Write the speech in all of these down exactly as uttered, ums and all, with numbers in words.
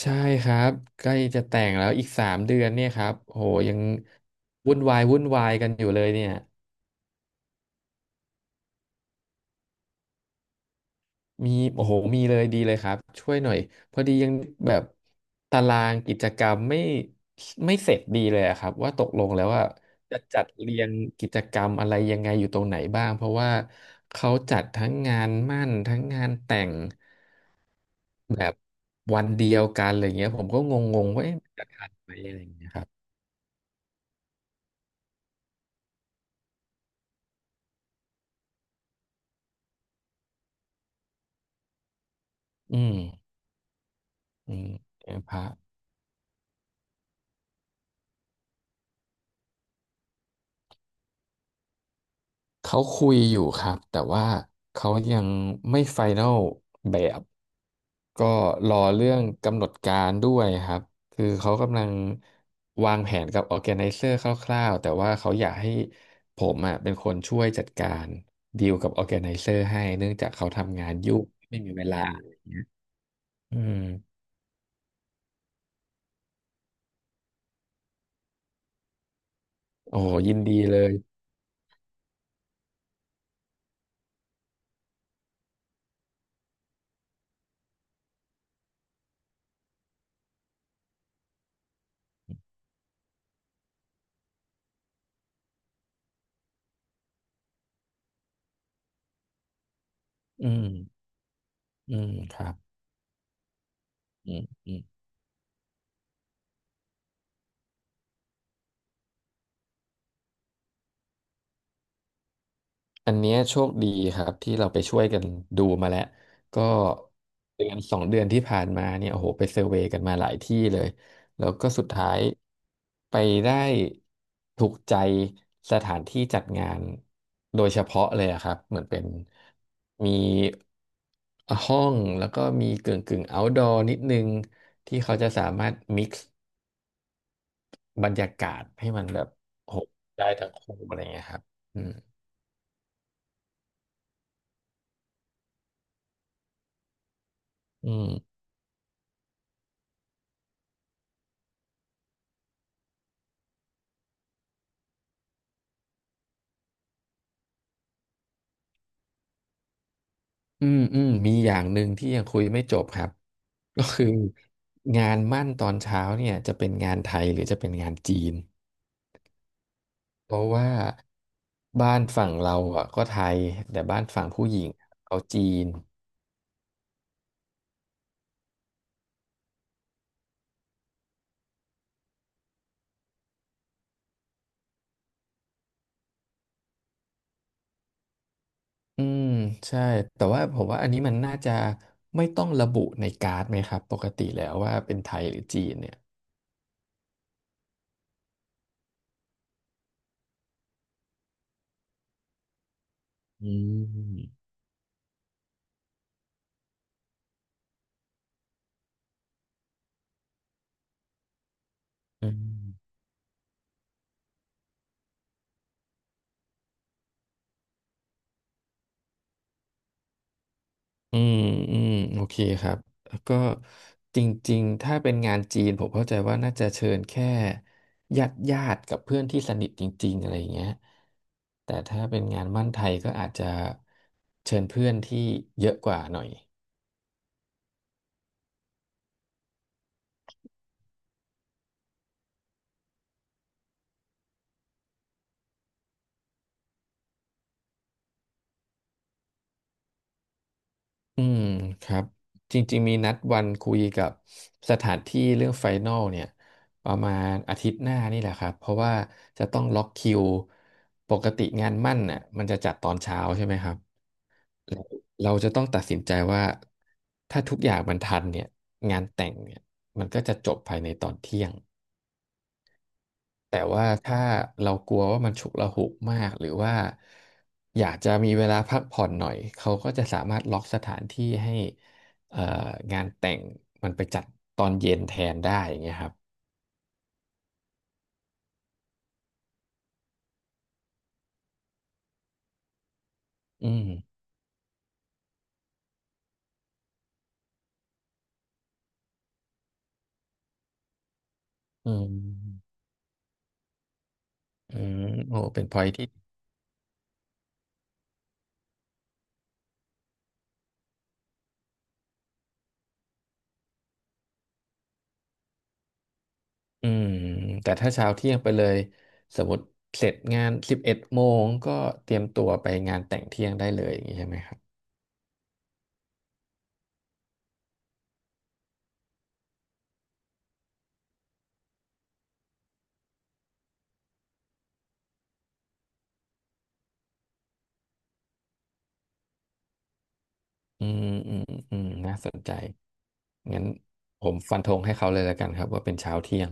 ใช่ครับใกล้จะแต่งแล้วอีกสามเดือนเนี่ยครับโอ้โหยังวุ่นวายวุ่นวายกันอยู่เลยเนี่ยมีโอ้โหมีเลยดีเลยครับช่วยหน่อยพอดียังแบบตารางกิจกรรมไม่ไม่เสร็จดีเลยอะครับว่าตกลงแล้วว่าจะจัดเรียงกิจกรรมอะไรยังไงอยู่ตรงไหนบ้างเพราะว่าเขาจัดทั้งงานมั่นทั้งงานแต่งแบบวันเดียวกันอะไรเงี้ยผมก็งงๆว่าเอ๊ะจะทันไหมอะไรอย่างเงี้ยครับอืมอืมเออพระ เขาคุยอยู่ครับแต่ว่าเขายังไม่ไฟแนลแบบก็รอเรื่องกำหนดการด้วยครับคือเขากำลังวางแผนกับออร์แกไนเซอร์คร่าวๆแต่ว่าเขาอยากให้ผมอ่ะเป็นคนช่วยจัดการดีลกับออร์แกไนเซอร์ให้เนื่องจากเขาทำงานยุ่งไม่มีเวลาอืมโอ้โหยินดีเลยอืมอืมครับอืมอืม อันเนี้ยโชคดีครับที่เราไปช่วยกันดูมาแล้วก็เดือนสองเดือนที่ผ่านมาเนี่ยโอ้โหไปเซอร์เวย์กันมาหลายที่เลยแล้วก็สุดท้ายไปได้ถูกใจสถานที่จัดงานโดยเฉพาะเลยอะครับเหมือนเป็นมีห้องแล้วก็มีกึ่งกึ่ง outdoor นิดนึงที่เขาจะสามารถ mix บรรยากาศให้มันแบบโอ้โหได้ทั้งคู่อะไรเงี้ยครับอืมอืม อืมอืมมีอย่างหนึ่งที่ยังคุยไม่จบครับ ก็คืองานมั่นตอนเช้าเนี่ยจะเป็นงานไทยหรือจะเป็นงานจีนเพราะว่าบ้านฝั่งเราอ่ะก็ไทยแต่บ้านฝั่งผู้หญิงเขาจีนอืมใช่แต่ว่าผมว่าอันนี้มันน่าจะไม่ต้องระบุในการ์ดไหมครับปกติแล้วว่าเป็นไทยหรือจีนเนี่ยอืมอืม อืมอืมโอเคครับแล้วก็จริงๆถ้าเป็นงานจีนผมเข้าใจว่าน่าจะเชิญแค่ญาติญาติกับเพื่อนที่สนิทจริงๆอะไรอย่างเงี้ยแต่ถ้าเป็นงานมั่นไทยก็อาจจะเชิญเพื่อนที่เยอะกว่าหน่อยอืมครับจริงๆมีนัดวันคุยกับสถานที่เรื่องไฟนอลเนี่ยประมาณอาทิตย์หน้านี่แหละครับเพราะว่าจะต้องล็อกคิวปกติงานมั่นน่ะมันจะจัดตอนเช้าใช่ไหมครับ เราเราจะต้องตัดสินใจว่าถ้าทุกอย่างมันทันเนี่ยงานแต่งเนี่ยมันก็จะจบภายในตอนเที่ยงแต่ว่าถ้าเรากลัวว่ามันฉุกละหุกมากหรือว่าอยากจะมีเวลาพักผ่อนหน่อยเขาก็จะสามารถล็อกสถานที่ให้เอ่องานแต่งมันไปจัดตอนเย็นแทนได้อย่างเงี้ยครับอืมอืมอืมโอ้เป็นพอยที่ อืมแต่ถ้าเช้าเที่ยงไปเลยสมมติเสร็จงานสิบเอ็ดโมงก็เตรียมตัวไปงานแต่งเที่ยงได้เลยอย่างนี้ใช่ไหมครับอืมอืมอืมน่าสนใจงั้นผมฟันธงให้เขาเลยแล้วกันครับว่าเป็นเช้าเที่ยง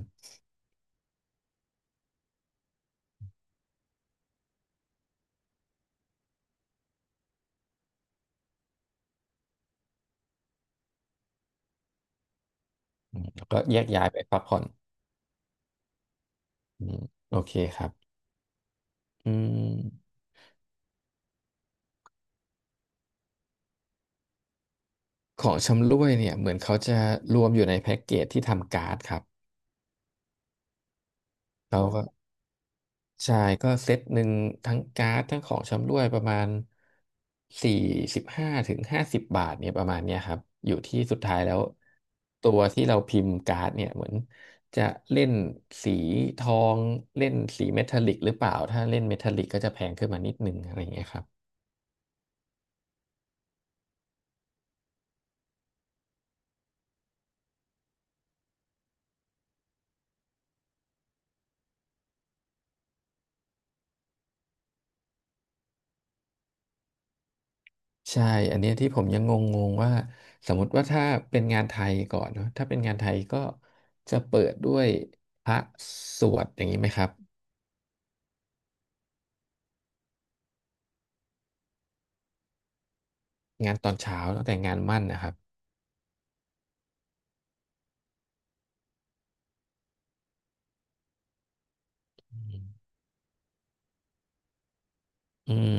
อืมแล้วก็แยกย้ายไปพักผ่อนอืมโอเคครับอืมของชำร่วยเนี่ยเหมือนเขาจะรวมอยู่ในแพ็กเกจที่ทำการ์ดครับเขาก็ ใช่ก็เซตหนึ่งทั้งการ์ดทั้งของชำร่วยประมาณสี่สิบห้าถึงห้าสิบบาทเนี่ยประมาณเนี้ยครับอยู่ที่สุดท้ายแล้วตัวที่เราพิมพ์การ์ดเนี่ยเหมือนจะเล่นสีทองเล่นสีเมทัลลิกหรือเปล่าถ้าเล่นเมทัลลิกก็จะแพงขึ้นมานิดนึงอะไรอย่างเงี้ยครับใช่อันเนี้ยที่ผมยังงงๆว่าสมมติว่าถ้าเป็นงานไทยก่อนเนาะถ้าเป็นงานไทยก็จะเปิดด้วยพระสวดอย่างนี้ไหมครับงานตอนเช้าตั้งแต่งานมั่นนะครับ อืม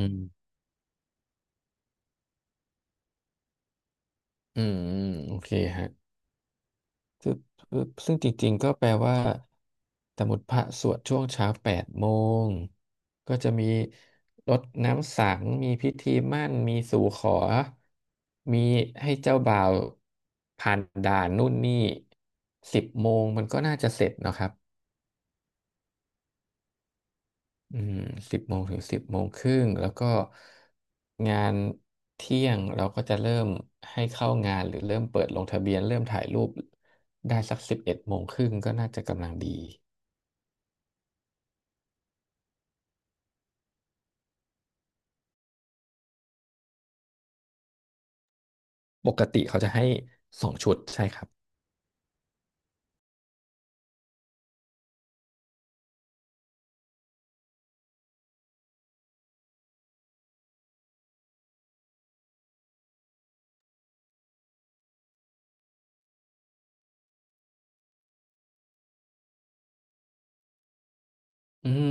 อืมอืมโอเคฮะซึ่งซึ่งจริงๆ ก็แปลว่าสมมติพระสวดช่วงเช้าแปดโมง ก็จะมีรดน้ำสัง มีพิธีหมั้นมีสู่ขอ มีให้เจ้าบ่าวผ่านด่านนู่นนี่สิบโมงมันก็น่าจะเสร็จเนอะครับ อืมสิบโมงถึงสิบโมงครึ่งแล้วก็งานเที่ยงเราก็จะเริ่มให้เข้างานหรือเริ่มเปิดลงทะเบียนเริ่มถ่ายรูปได้สักสิบเอ็ดโมงครึ่งก็น่าจะกำลังดีปกติเขาจะให้สองชุดใช่ครับอืม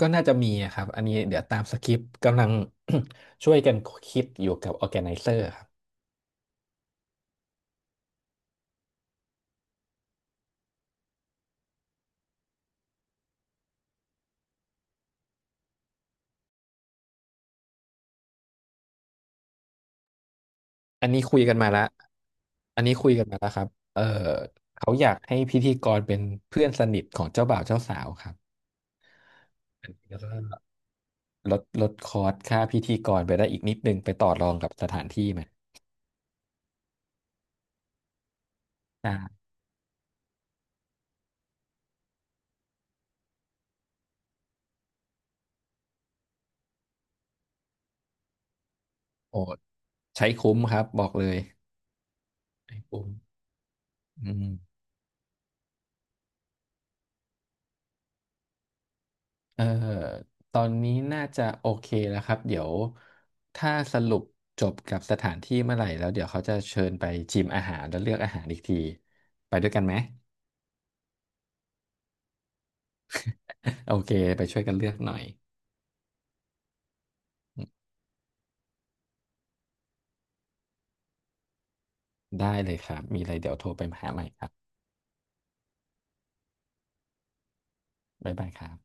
ก็น่าจะมีอะครับอันนี้เดี๋ยวตามสคริปต์กำลัง ช่วยกันคิดอยู่กับ Organizer ครับอันนี้คุยกันมาแล้วอันนี้คุยกันมาแล้วครับเออเขาอยากให้พิธีกรเป็นเพื่อนสนิทของเจ้าบ่าวเจ้าสาวครับอันนี้ก็ ลดลดคอร์สค่าพิธีกรไปได้อีกนิดนึงไปต่อรองกับสถานที่ไหม ใช่โอ้ใช้คุ้มครับบอกเลยไอ้คุ้มอืมเออตอนนี้น่าจะโอเคแล้วครับเดี๋ยวถ้าสรุปจบกับสถานที่เมื่อไหร่แล้วเดี๋ยวเขาจะเชิญไปชิมอาหารแล้วเลือกอาหารอีกที ไปด้วยกันไหม โอเคไปช่วยกันเลือกหน่อย ได้เลยครับ มีอะไรเดี๋ยวโทรไปหาใหม่ครับบ๊ายบายครับ